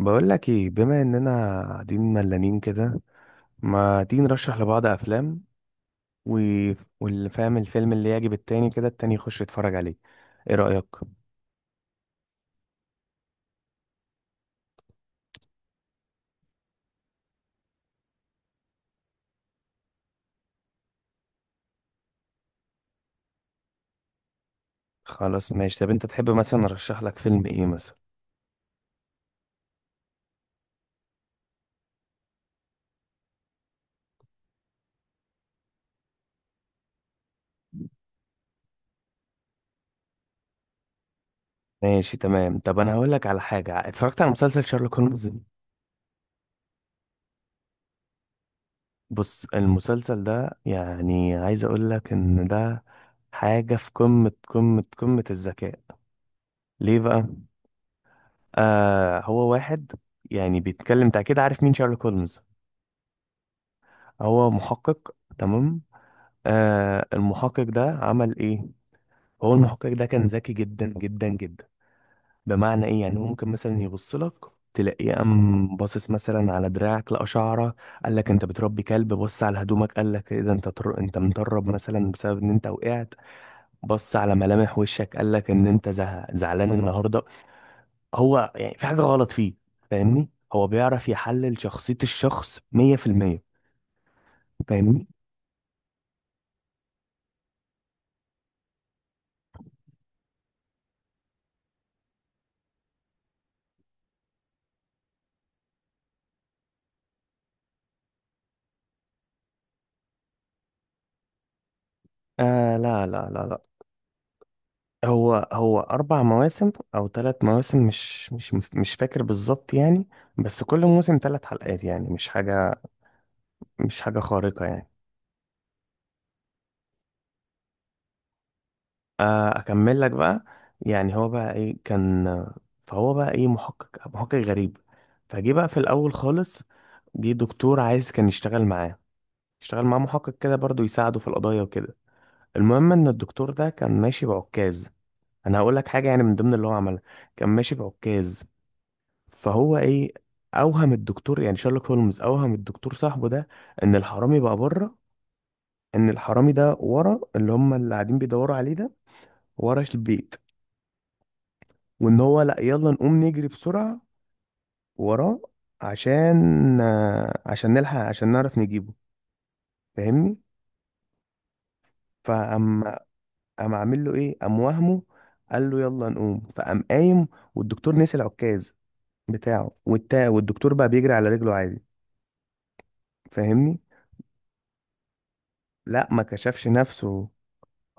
بقول لك ايه؟ بما اننا قاعدين ملانين كده، ما تيجي نرشح لبعض افلام و... واللي فاهم الفيلم اللي يعجب التاني كده التاني يخش يتفرج عليه. ايه رأيك؟ خلاص ماشي. طب انت تحب مثلا ارشح لك فيلم ايه مثلا؟ ماشي تمام. طب انا هقول لك على حاجة، اتفرجت على مسلسل شارلوك هولمز. بص المسلسل ده، يعني عايز اقول لك ان ده حاجة في قمة الذكاء. ليه بقى؟ آه، هو واحد يعني بيتكلم. انت اكيد عارف مين شارلوك هولمز؟ هو محقق، تمام؟ آه، المحقق ده عمل ايه؟ هو المحقق ده كان ذكي جدا. بمعنى ايه؟ يعني هو ممكن مثلا يبص لك، تلاقيه قام باصص مثلا على دراعك، لقى شعره قال لك انت بتربي كلب. بص على هدومك قال لك ايه ده، انت انت مطرب مثلا بسبب ان انت وقعت. بص على ملامح وشك قال لك ان انت زعلان النهارده، هو يعني في حاجه غلط فيه. فاهمني؟ هو بيعرف يحلل شخصيه الشخص 100%. فاهمني؟ آه لا. هو أربع مواسم أو ثلاث مواسم، مش فاكر بالظبط يعني. بس كل موسم ثلاث حلقات، يعني مش حاجة، مش حاجة خارقة يعني. آه، أكمل لك بقى. يعني هو بقى إيه كان. فهو بقى إيه، محقق غريب. فجه بقى في الأول خالص، جه دكتور عايز كان يشتغل معاه، يشتغل معاه محقق كده برضه، يساعده في القضايا وكده. المهم إن الدكتور ده كان ماشي بعكاز. أنا هقول لك حاجة يعني من ضمن اللي هو عملها. كان ماشي بعكاز، فهو ايه، اوهم الدكتور، يعني شارلوك هولمز اوهم الدكتور صاحبه ده ان الحرامي بقى بره، ان الحرامي ده ورا اللي هم اللي قاعدين بيدوروا عليه ده، ورا البيت، وان هو لا، يلا نقوم نجري بسرعة وراه عشان عشان نلحق، عشان نعرف نجيبه. فاهمني؟ فقام، قام عامل له ايه، قام وهمه، قال له يلا نقوم. فقام قايم والدكتور نسي العكاز بتاعه، والدكتور بقى بيجري على رجله عادي. فاهمني؟ لا، ما كشفش نفسه،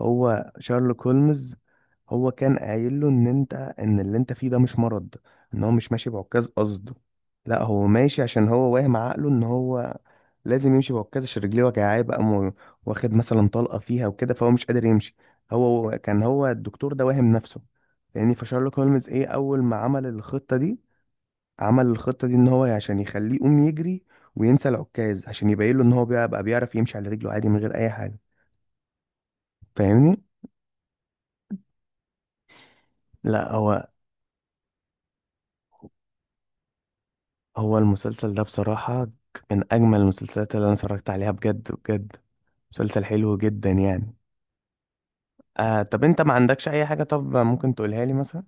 هو شارلوك هولمز. هو كان قايل له ان انت، ان اللي انت فيه ده مش مرض، ان هو مش ماشي بعكاز قصده، لا هو ماشي عشان هو واهم عقله ان هو لازم يمشي بعكاز عشان رجليه وجعاه بقى، واخد مثلا طلقة فيها وكده، فهو مش قادر يمشي. هو كان، هو الدكتور ده واهم نفسه. لان فشارلوك هولمز ايه، اول ما عمل الخطة دي، عمل الخطة دي ان هو عشان يخليه يقوم يجري وينسى العكاز، عشان يبين له ان هو بقى بيعرف يمشي على رجله عادي من غير اي حاجة. فاهمني؟ لا هو، هو المسلسل ده بصراحة من أجمل المسلسلات اللي أنا اتفرجت عليها بجد بجد. مسلسل حلو جدا يعني. آه، طب أنت ما عندكش أي حاجة طب ممكن تقولها لي مثلا؟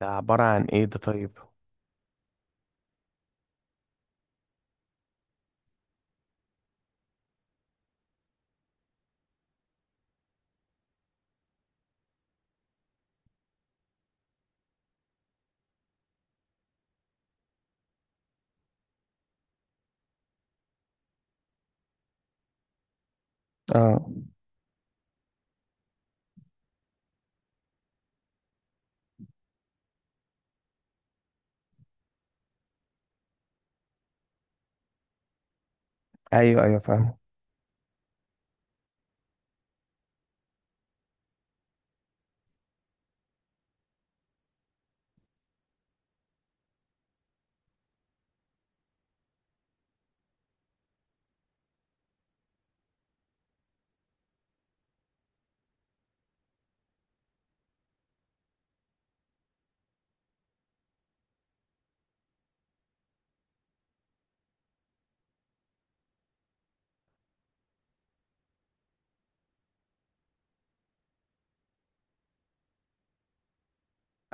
ده عبارة عن إيه ده طيب؟ اه. ايوه فاهم.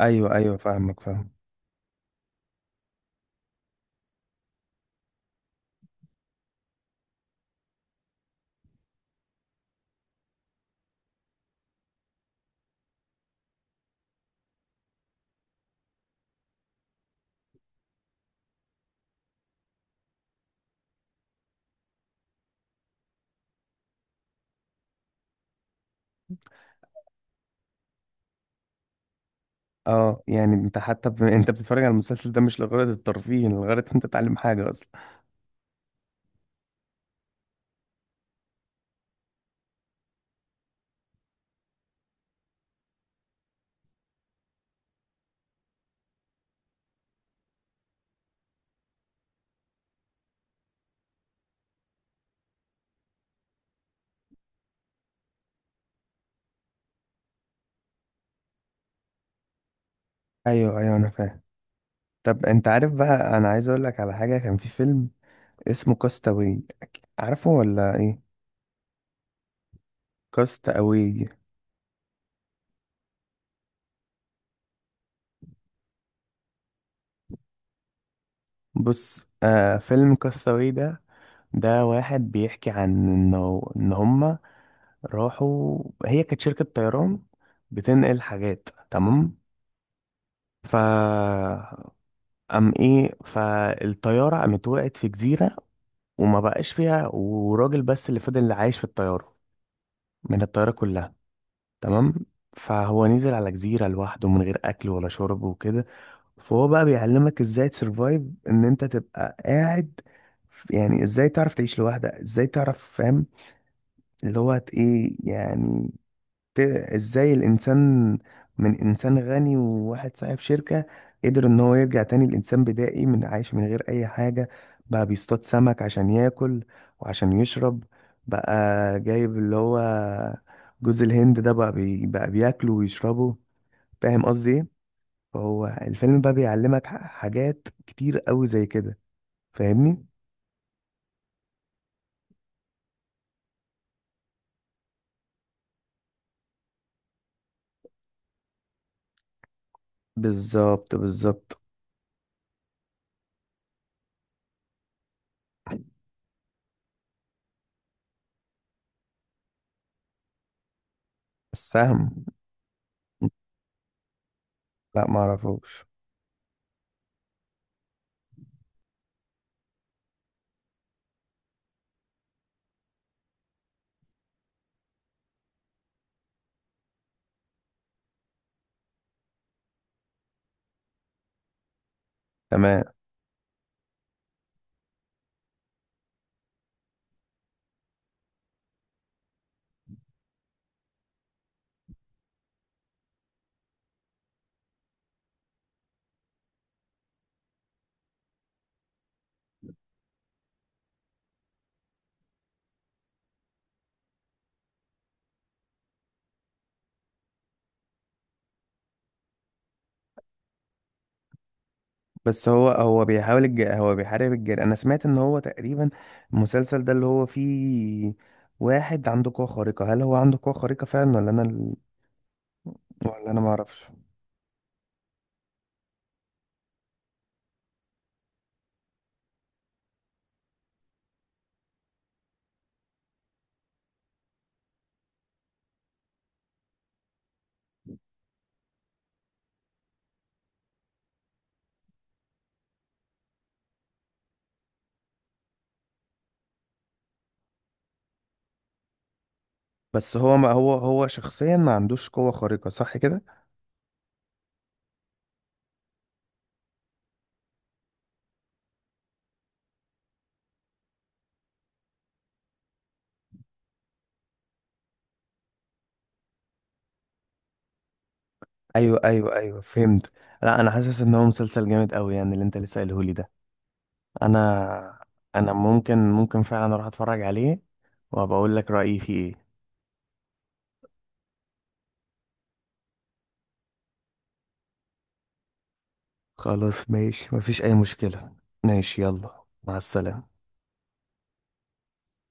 ايوه فاهمك، فاهم. اه، يعني انت حتى انت بتتفرج على المسلسل ده مش لغرض الترفيه، لغرض انت تتعلم حاجه اصلا؟ ايوه انا فاهم. طب انت عارف بقى، انا عايز اقول لك على حاجه، كان في فيلم اسمه كاستاوي، عارفه ولا ايه؟ كاستاوي. بص، آه، فيلم كاستاوي ده، ده واحد بيحكي عن انه ان هما راحوا، هي كانت شركة طيران بتنقل حاجات، تمام؟ ف ايه، فالطيارة قامت وقعت في جزيرة، وما بقاش فيها وراجل بس اللي فضل عايش في الطيارة، من الطيارة كلها، تمام؟ فهو نزل على جزيرة لوحده من غير اكل ولا شرب وكده. فهو بقى بيعلمك ازاي تسرفايف، ان انت تبقى قاعد يعني ازاي تعرف تعيش لوحدك، ازاي تعرف، فاهم؟ اللي هو ايه يعني، ت- ازاي الانسان من انسان غني وواحد صاحب شركة قدر ان هو يرجع تاني لانسان بدائي، من عايش من غير اي حاجة، بقى بيصطاد سمك عشان ياكل وعشان يشرب، بقى جايب اللي هو جوز الهند ده بقى، بقى بياكله ويشربه. فاهم قصدي إيه؟ فهو الفيلم بقى بيعلمك حاجات كتير قوي زي كده. فاهمني؟ بالظبط بالظبط. السهم؟ لا ما اعرفوش. تمام. بس هو، هو بيحاول هو بيحارب الجير، انا سمعت ان هو تقريبا المسلسل ده اللي هو فيه واحد عنده قوة خارقة. هل هو عنده قوة خارقة فعلا، ولا انا ما اعرفش؟ بس هو، ما هو هو شخصيا ما عندوش قوة خارقة، صح كده؟ ايوه فهمت. لا، انا حاسس ان هو مسلسل جامد قوي يعني، اللي انت لسه قايله لي ده. انا انا ممكن، ممكن فعلا اروح اتفرج عليه وبقول لك رأيي فيه ايه. خلاص ماشي، مفيش اي مشكلة. ماشي، يلا مع السلامة.